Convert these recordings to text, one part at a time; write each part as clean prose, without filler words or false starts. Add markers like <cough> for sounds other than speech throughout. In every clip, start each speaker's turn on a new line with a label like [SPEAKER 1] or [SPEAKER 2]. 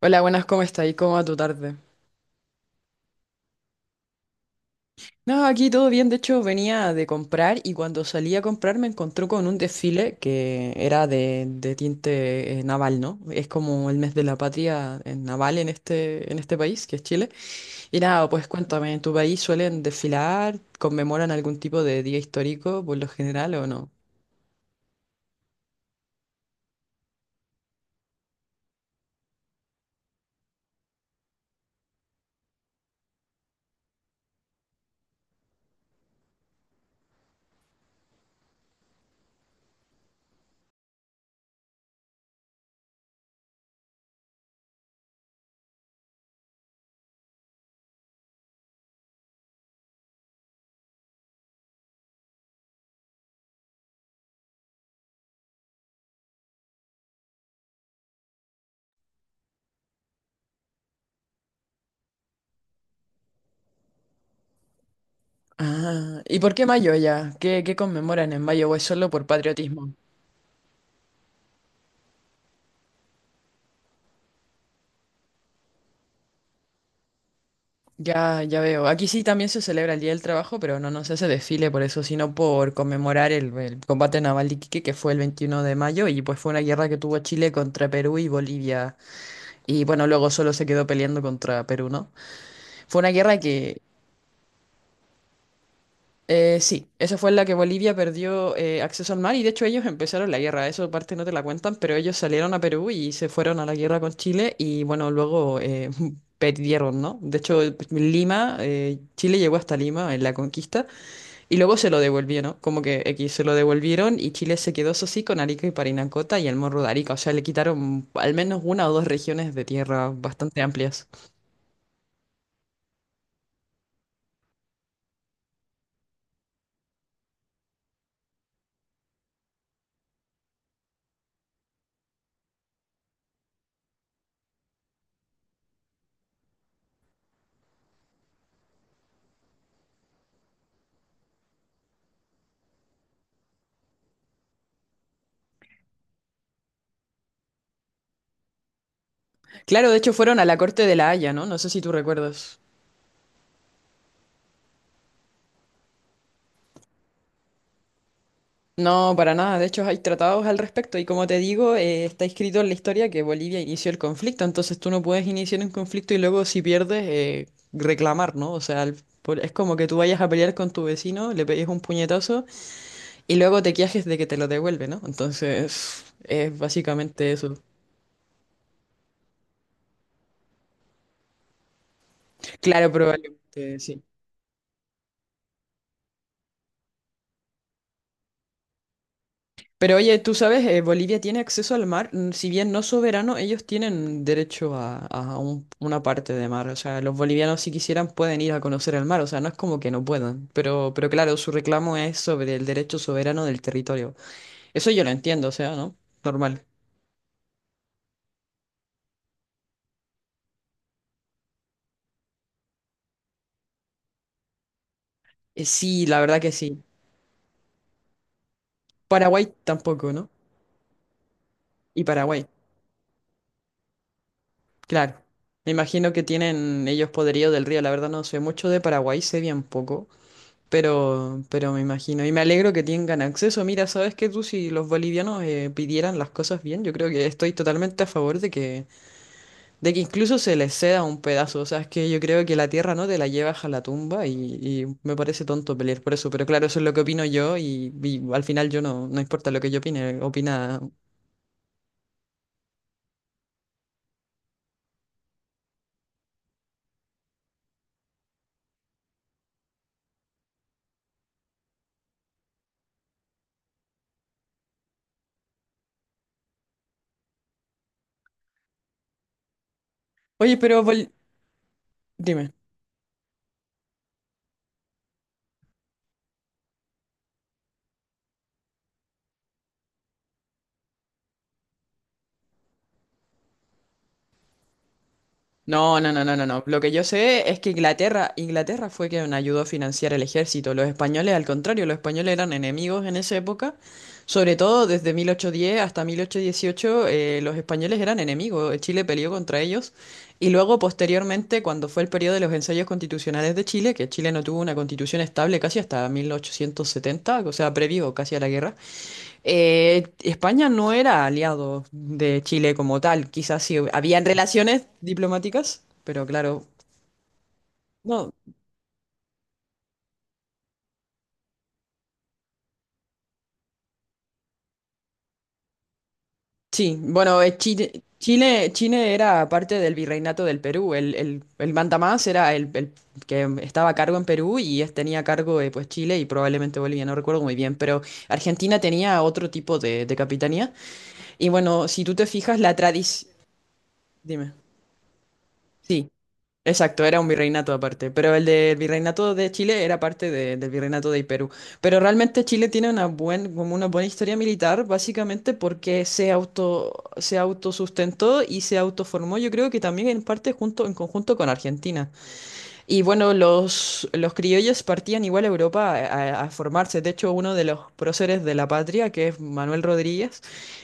[SPEAKER 1] Hola, buenas, ¿cómo está? ¿Y cómo va tu tarde? No, aquí todo bien. De hecho, venía de comprar y cuando salí a comprar me encontré con un desfile que era de tinte naval, ¿no? Es como el mes de la patria naval en este país, que es Chile. Y nada, pues cuéntame, ¿en tu país suelen desfilar? ¿Conmemoran algún tipo de día histórico por lo general o no? Ah, ¿y por qué mayo ya? ¿Qué conmemoran en mayo? ¿O es solo por patriotismo? Ya, ya veo. Aquí sí también se celebra el Día del Trabajo, pero no, no se hace desfile por eso, sino por conmemorar el combate naval de Iquique, que fue el 21 de mayo, y pues fue una guerra que tuvo Chile contra Perú y Bolivia. Y bueno, luego solo se quedó peleando contra Perú, ¿no? Fue una guerra sí, esa fue en la que Bolivia perdió acceso al mar, y de hecho ellos empezaron la guerra, eso parte no te la cuentan, pero ellos salieron a Perú y se fueron a la guerra con Chile, y bueno, <laughs> perdieron, ¿no? De hecho, Lima, Chile llegó hasta Lima en la conquista. Y luego se lo devolvió, ¿no? Como que X se lo devolvieron y Chile se quedó, eso sí, con Arica y Parinacota y el Morro de Arica. O sea, le quitaron al menos una o dos regiones de tierra bastante amplias. Claro, de hecho fueron a la corte de La Haya, ¿no? No sé si tú recuerdas. No, para nada. De hecho, hay tratados al respecto y como te digo, está escrito en la historia que Bolivia inició el conflicto. Entonces tú no puedes iniciar un conflicto y luego si pierdes, reclamar, ¿no? O sea, es como que tú vayas a pelear con tu vecino, le pegues un puñetazo. Y luego te quejas de que te lo devuelve, ¿no? Entonces, es básicamente eso. Claro, probablemente sí. Pero oye, tú sabes, Bolivia tiene acceso al mar, si bien no soberano, ellos tienen derecho a una parte de mar. O sea, los bolivianos si quisieran pueden ir a conocer el mar, o sea, no es como que no puedan. Pero claro, su reclamo es sobre el derecho soberano del territorio. Eso yo lo entiendo, o sea, ¿no? Normal. Sí, la verdad que sí. Paraguay tampoco, ¿no? Y Paraguay. Claro, me imagino que tienen ellos poderío del río, la verdad no sé mucho de Paraguay, sé bien poco, pero me imagino, y me alegro que tengan acceso. Mira, sabes que tú si los bolivianos pidieran las cosas bien, yo creo que estoy totalmente a favor de que incluso se les ceda un pedazo, o sea, es que yo creo que la tierra no te la llevas a la tumba y me parece tonto pelear por eso, pero claro, eso es lo que opino yo y al final yo no, no importa lo que yo opine, opina... Oye, pero... Dime. No, no, no, no, no, no. Lo que yo sé es que Inglaterra, Inglaterra fue quien ayudó a financiar el ejército. Los españoles, al contrario, los españoles eran enemigos en esa época. Sobre todo desde 1810 hasta 1818, los españoles eran enemigos. Chile peleó contra ellos. Y luego, posteriormente, cuando fue el periodo de los ensayos constitucionales de Chile, que Chile no tuvo una constitución estable casi hasta 1870, o sea, previo casi a la guerra. España no era aliado de Chile como tal, quizás sí habían relaciones diplomáticas, pero claro, no, sí, bueno, Chile era parte del virreinato del Perú, el mandamás era el que estaba a cargo en Perú y tenía a cargo pues Chile y probablemente Bolivia, no recuerdo muy bien, pero Argentina tenía otro tipo de capitanía y bueno, si tú te fijas, la tradición, dime, sí. Exacto, era un virreinato aparte, pero el del virreinato de Chile era parte del virreinato de Perú. Pero realmente Chile tiene como una buena historia militar, básicamente porque se autosustentó y se autoformó, yo creo que también en parte junto, en conjunto con Argentina. Y bueno, los criollos partían igual a Europa a formarse. De hecho, uno de los próceres de la patria, que es Manuel Rodríguez,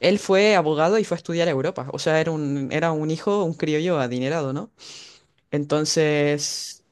[SPEAKER 1] él fue abogado y fue a estudiar a Europa. O sea, era un hijo, un criollo adinerado, ¿no? Entonces,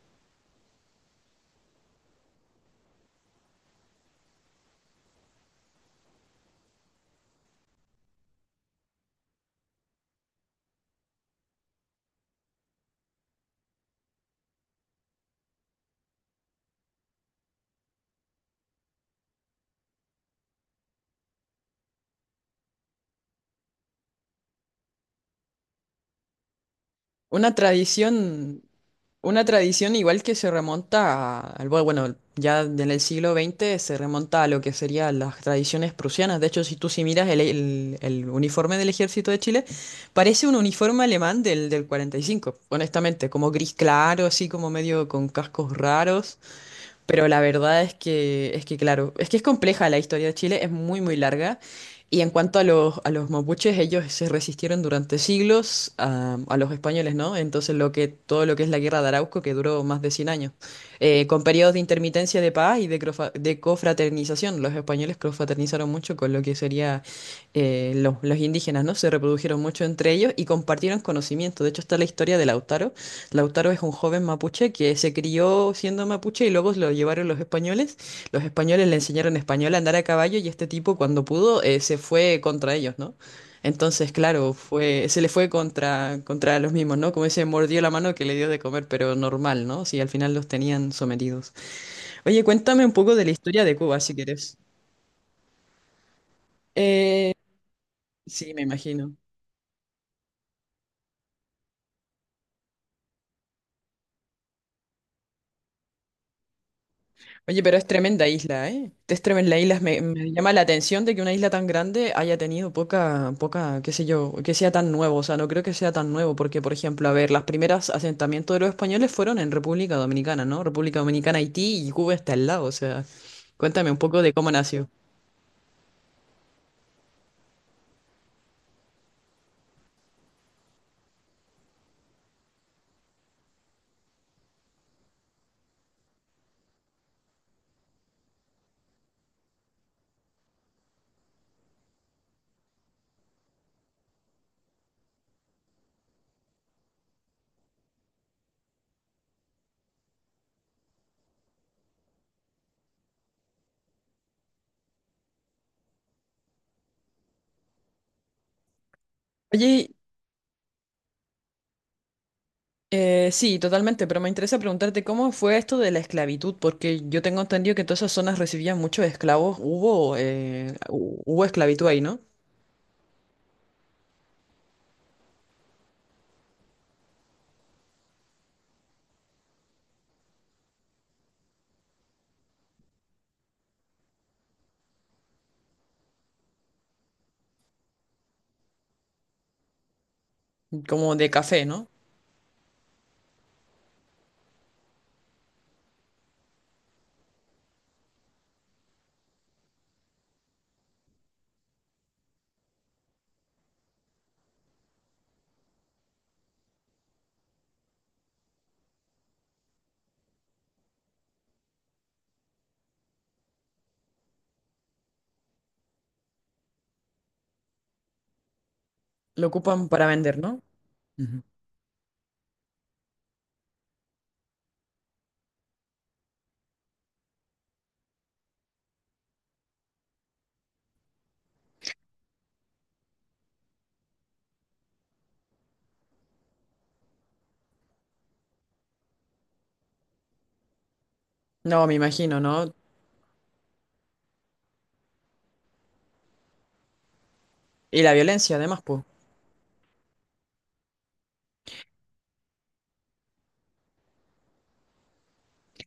[SPEAKER 1] una tradición, una tradición igual que se remonta bueno, ya en el siglo XX se remonta a lo que serían las tradiciones prusianas. De hecho, si miras el uniforme del ejército de Chile, parece un uniforme alemán del 45 honestamente, como gris claro, así como medio con cascos raros. Pero la verdad es que claro, es que es compleja la historia de Chile, es muy, muy larga. Y en cuanto a los mapuches, ellos se resistieron durante siglos a los españoles, ¿no? Entonces todo lo que es la guerra de Arauco, que duró más de 100 años, con periodos de intermitencia de paz y de cofraternización. Los españoles cofraternizaron mucho con lo que sería los indígenas, ¿no? Se reprodujeron mucho entre ellos y compartieron conocimiento. De hecho, está la historia de Lautaro. Lautaro es un joven mapuche que se crió siendo mapuche y luego lo llevaron los españoles. Los españoles le enseñaron español a andar a caballo y este tipo cuando pudo se fue contra ellos, ¿no? Entonces, claro, se le fue contra los mismos, ¿no? Como ese mordió la mano que le dio de comer, pero normal, ¿no? Si al final los tenían sometidos. Oye, cuéntame un poco de la historia de Cuba, si quieres. Eh, sí, me imagino. Oye, pero es tremenda isla, ¿eh? Es tremenda isla. Me llama la atención de que una isla tan grande haya tenido poca, poca, qué sé yo, que sea tan nuevo. O sea, no creo que sea tan nuevo, porque, por ejemplo, a ver, las primeras asentamientos de los españoles fueron en República Dominicana, ¿no? República Dominicana, Haití y Cuba está al lado. O sea, cuéntame un poco de cómo nació. Oye, sí, totalmente, pero me interesa preguntarte cómo fue esto de la esclavitud, porque yo tengo entendido que todas esas zonas recibían muchos esclavos. Hubo esclavitud ahí, ¿no? Como de café, ¿no? Lo ocupan para vender, ¿no? Ujú. No, me imagino, ¿no? Y la violencia, además, pues.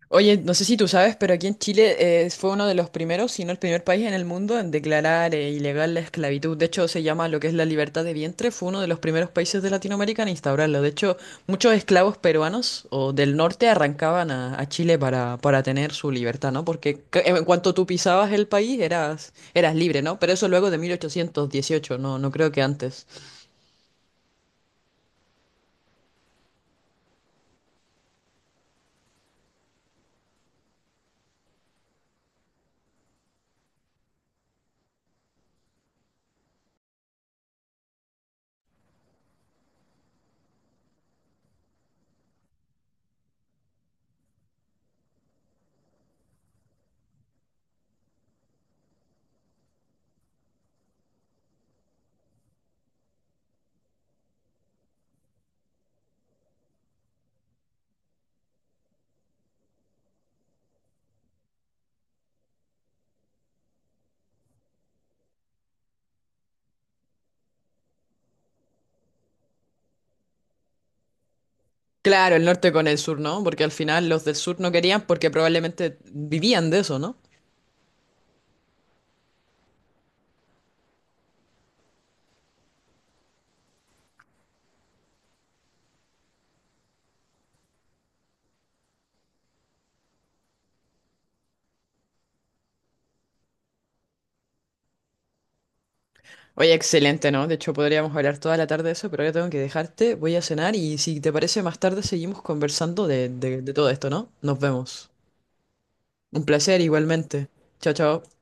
[SPEAKER 1] Oye, no sé si tú sabes, pero aquí en Chile fue uno de los primeros, si no el primer país en el mundo en declarar ilegal la esclavitud. De hecho, se llama lo que es la libertad de vientre. Fue uno de los primeros países de Latinoamérica en instaurarlo. De hecho, muchos esclavos peruanos o del norte arrancaban a Chile para tener su libertad, ¿no? Porque en cuanto tú pisabas el país, eras libre, ¿no? Pero eso luego de 1818. No, no creo que antes. Claro, el norte con el sur, ¿no? Porque al final los del sur no querían porque probablemente vivían de eso, ¿no? Oye, excelente, ¿no? De hecho, podríamos hablar toda la tarde de eso, pero ahora tengo que dejarte, voy a cenar y si te parece, más tarde seguimos conversando de todo esto, ¿no? Nos vemos. Un placer igualmente. Chao, chao.